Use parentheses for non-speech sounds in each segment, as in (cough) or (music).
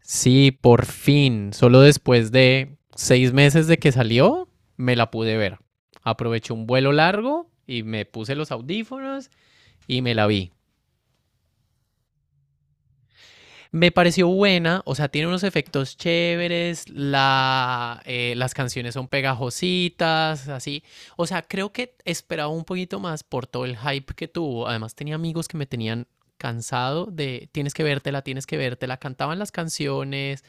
Sí, por fin, solo después de 6 meses de que salió, me la pude ver. Aproveché un vuelo largo y me puse los audífonos y me la vi. Me pareció buena, o sea, tiene unos efectos chéveres, las canciones son pegajositas, así. O sea, creo que esperaba un poquito más por todo el hype que tuvo. Además, tenía amigos que me tenían cansado de tienes que vértela, tienes que vértela. Cantaban las canciones,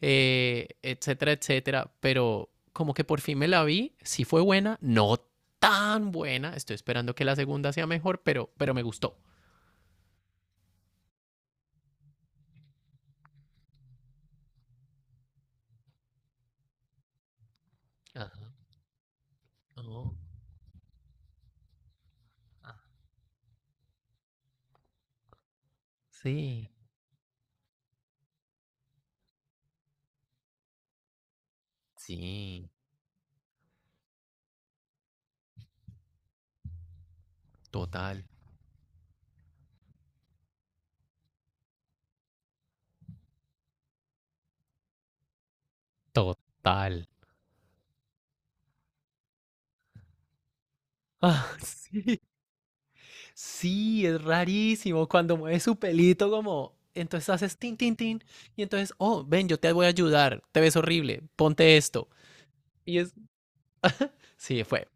etcétera, etcétera. Pero como que por fin me la vi, sí fue buena, no tan buena. Estoy esperando que la segunda sea mejor, pero me gustó. Ajá. Oh, ah. Sí, sí. Total, total. Ah, (laughs) sí, sí, es rarísimo cuando mueve su pelito como. Entonces haces tin, tin, tin. Y entonces, oh, ven, yo te voy a ayudar. Te ves horrible. Ponte esto. Y es. Sí, fue.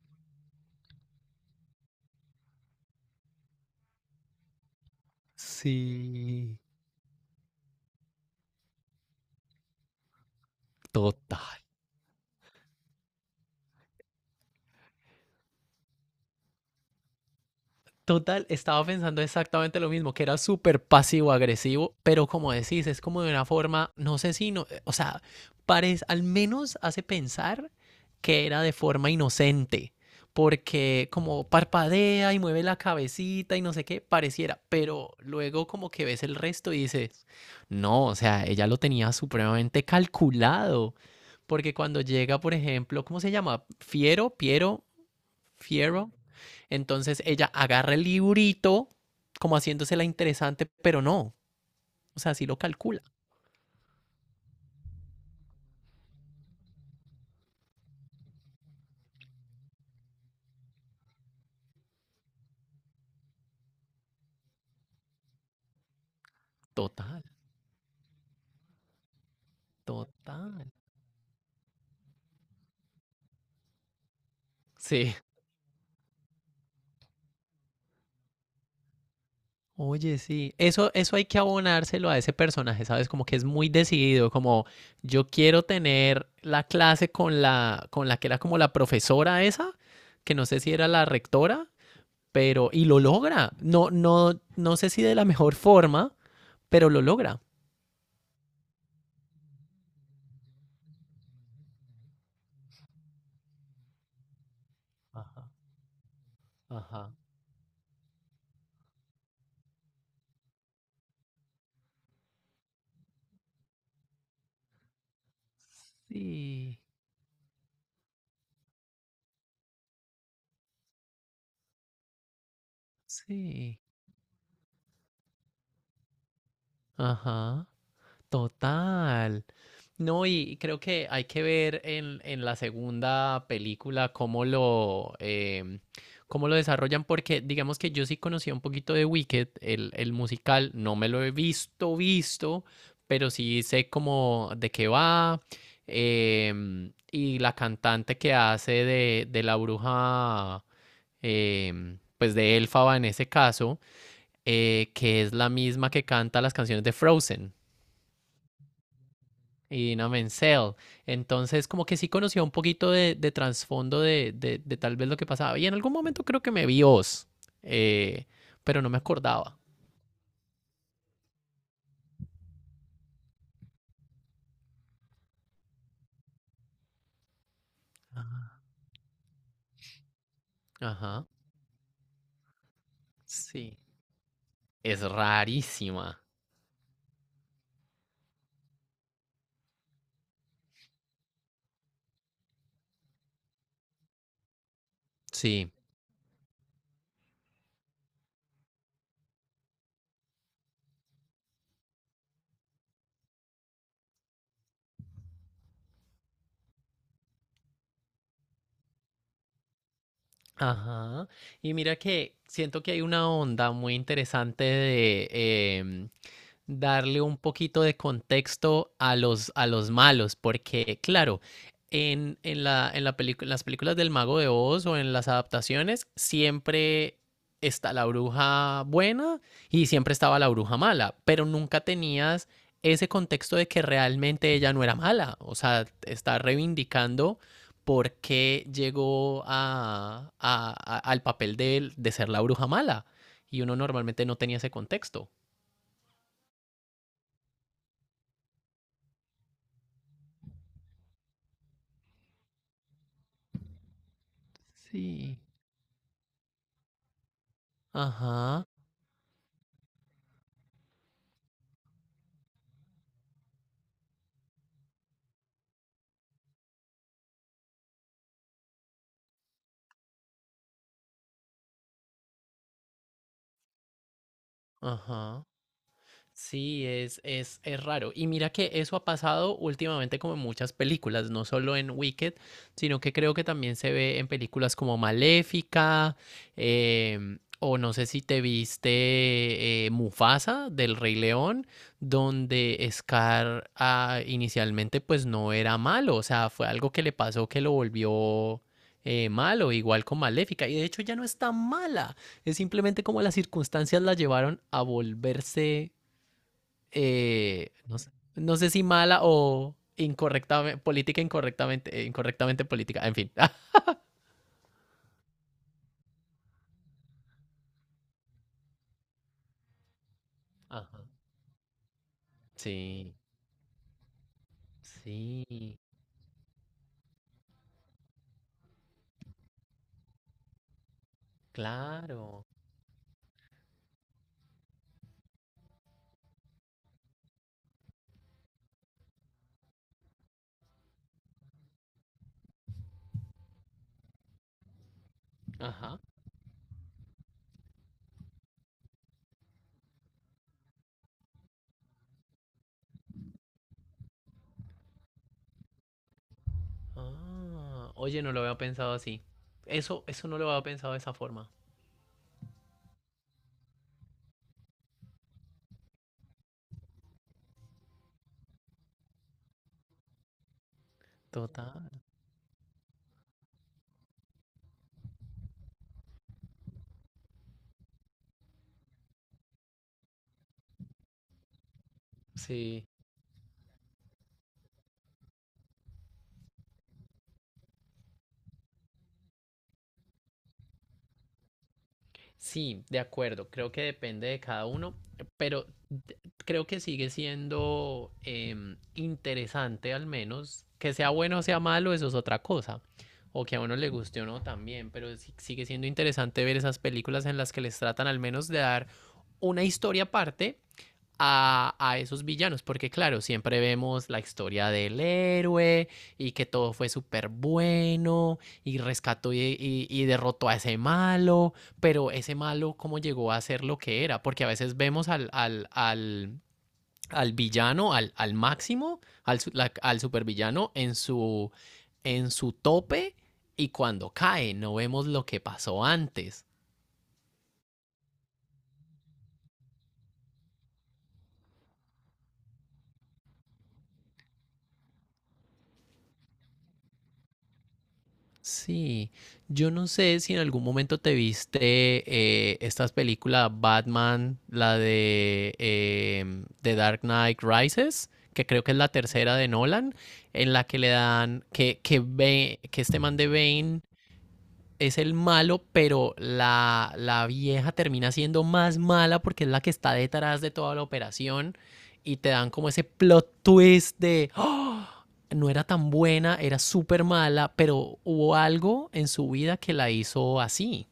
Sí, total. Total, estaba pensando exactamente lo mismo, que era súper pasivo-agresivo, pero como decís, es como de una forma, no sé si, no, o sea, parece, al menos hace pensar que era de forma inocente, porque como parpadea y mueve la cabecita y no sé qué, pareciera, pero luego como que ves el resto y dices, no, o sea, ella lo tenía supremamente calculado, porque cuando llega, por ejemplo, ¿cómo se llama? Fiero, Piero, Fierro. Entonces ella agarra el librito, como haciéndose la interesante, pero no. O sea, sí lo calcula. Total, total. Sí. Oye, sí. Eso hay que abonárselo a ese personaje, ¿sabes? Como que es muy decidido, como yo quiero tener la clase con la que era como la profesora esa, que no sé si era la rectora, y lo logra. No, no, no sé si de la mejor forma, pero lo logra. Ajá, ajá. Sí. Sí, ajá, total. No, y creo que hay que ver en la segunda película cómo lo desarrollan, porque digamos que yo sí conocía un poquito de Wicked, el musical, no me lo he visto, visto, pero sí sé cómo de qué va. Y la cantante que hace de la bruja, pues de Elfaba en ese caso, que es la misma que canta las canciones de Frozen y Dina Menzel. Entonces, como que sí conocía un poquito de trasfondo de tal vez lo que pasaba. Y en algún momento creo que me vi Oz, eh, pero no me acordaba. Ajá, sí. Es rarísima. Sí. Ajá. Y mira que siento que hay una onda muy interesante de em, darle un poquito de contexto a los malos, porque claro, las películas del Mago de Oz o en las adaptaciones siempre está la bruja buena y siempre estaba la bruja mala, pero nunca tenías ese contexto de que realmente ella no era mala, o sea, está reivindicando por qué llegó al papel de ser la bruja mala. Y uno normalmente no tenía ese contexto. Sí. Ajá, ajá. Sí, es raro. Y mira que eso ha pasado últimamente como en muchas películas, no solo en Wicked, sino que creo que también se ve en películas como Maléfica, o no sé si te viste, Mufasa del Rey León, donde Scar, inicialmente pues no era malo, o sea, fue algo que le pasó que lo volvió, malo, igual con Maléfica, y de hecho ya no es tan mala. Es simplemente como las circunstancias la llevaron a volverse, no sé, no sé si mala o incorrectamente, política incorrectamente, incorrectamente política, en fin. (laughs) Ajá. Sí, sí, claro. Ajá. Ah, oye, no lo había pensado así. Eso no lo había pensado de esa forma. Total. Sí. Sí, de acuerdo, creo que depende de cada uno, pero d- creo que sigue siendo, interesante al menos, que sea bueno o sea malo, eso es otra cosa, o que a uno le guste o no también, sigue siendo interesante ver esas películas en las que les tratan al menos de dar una historia aparte a esos villanos, porque claro, siempre vemos la historia del héroe y que todo fue súper bueno y rescató y derrotó a ese malo, pero ese malo cómo llegó a ser lo que era, porque a veces vemos al villano, al máximo, al supervillano en su tope y cuando cae, no vemos lo que pasó antes. Sí, yo no sé si en algún momento te viste, estas películas Batman, la de, The Dark Knight Rises, que creo que es la tercera de Nolan, en la que le dan, que este man de Bane es el malo, pero la vieja termina siendo más mala porque es la que está detrás de toda la operación y te dan como ese plot twist de, "Oh, no era tan buena, era súper mala, pero hubo algo en su vida que la hizo así."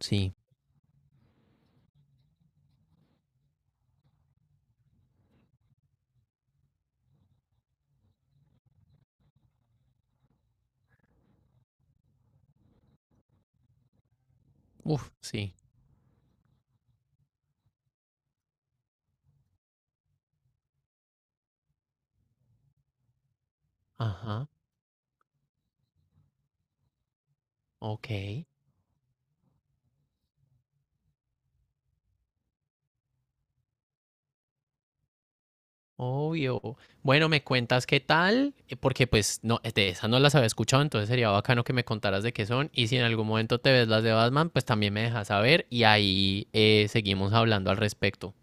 Sí. Uf, sí. Ajá. Ok. Obvio. Bueno, me cuentas qué tal, porque pues no, de esas no las había escuchado, entonces sería bacano que me contaras de qué son. Y si en algún momento te ves las de Batman, pues también me dejas saber y ahí, seguimos hablando al respecto.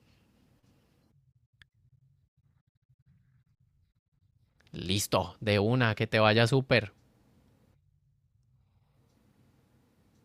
Listo, de una, que te vaya súper.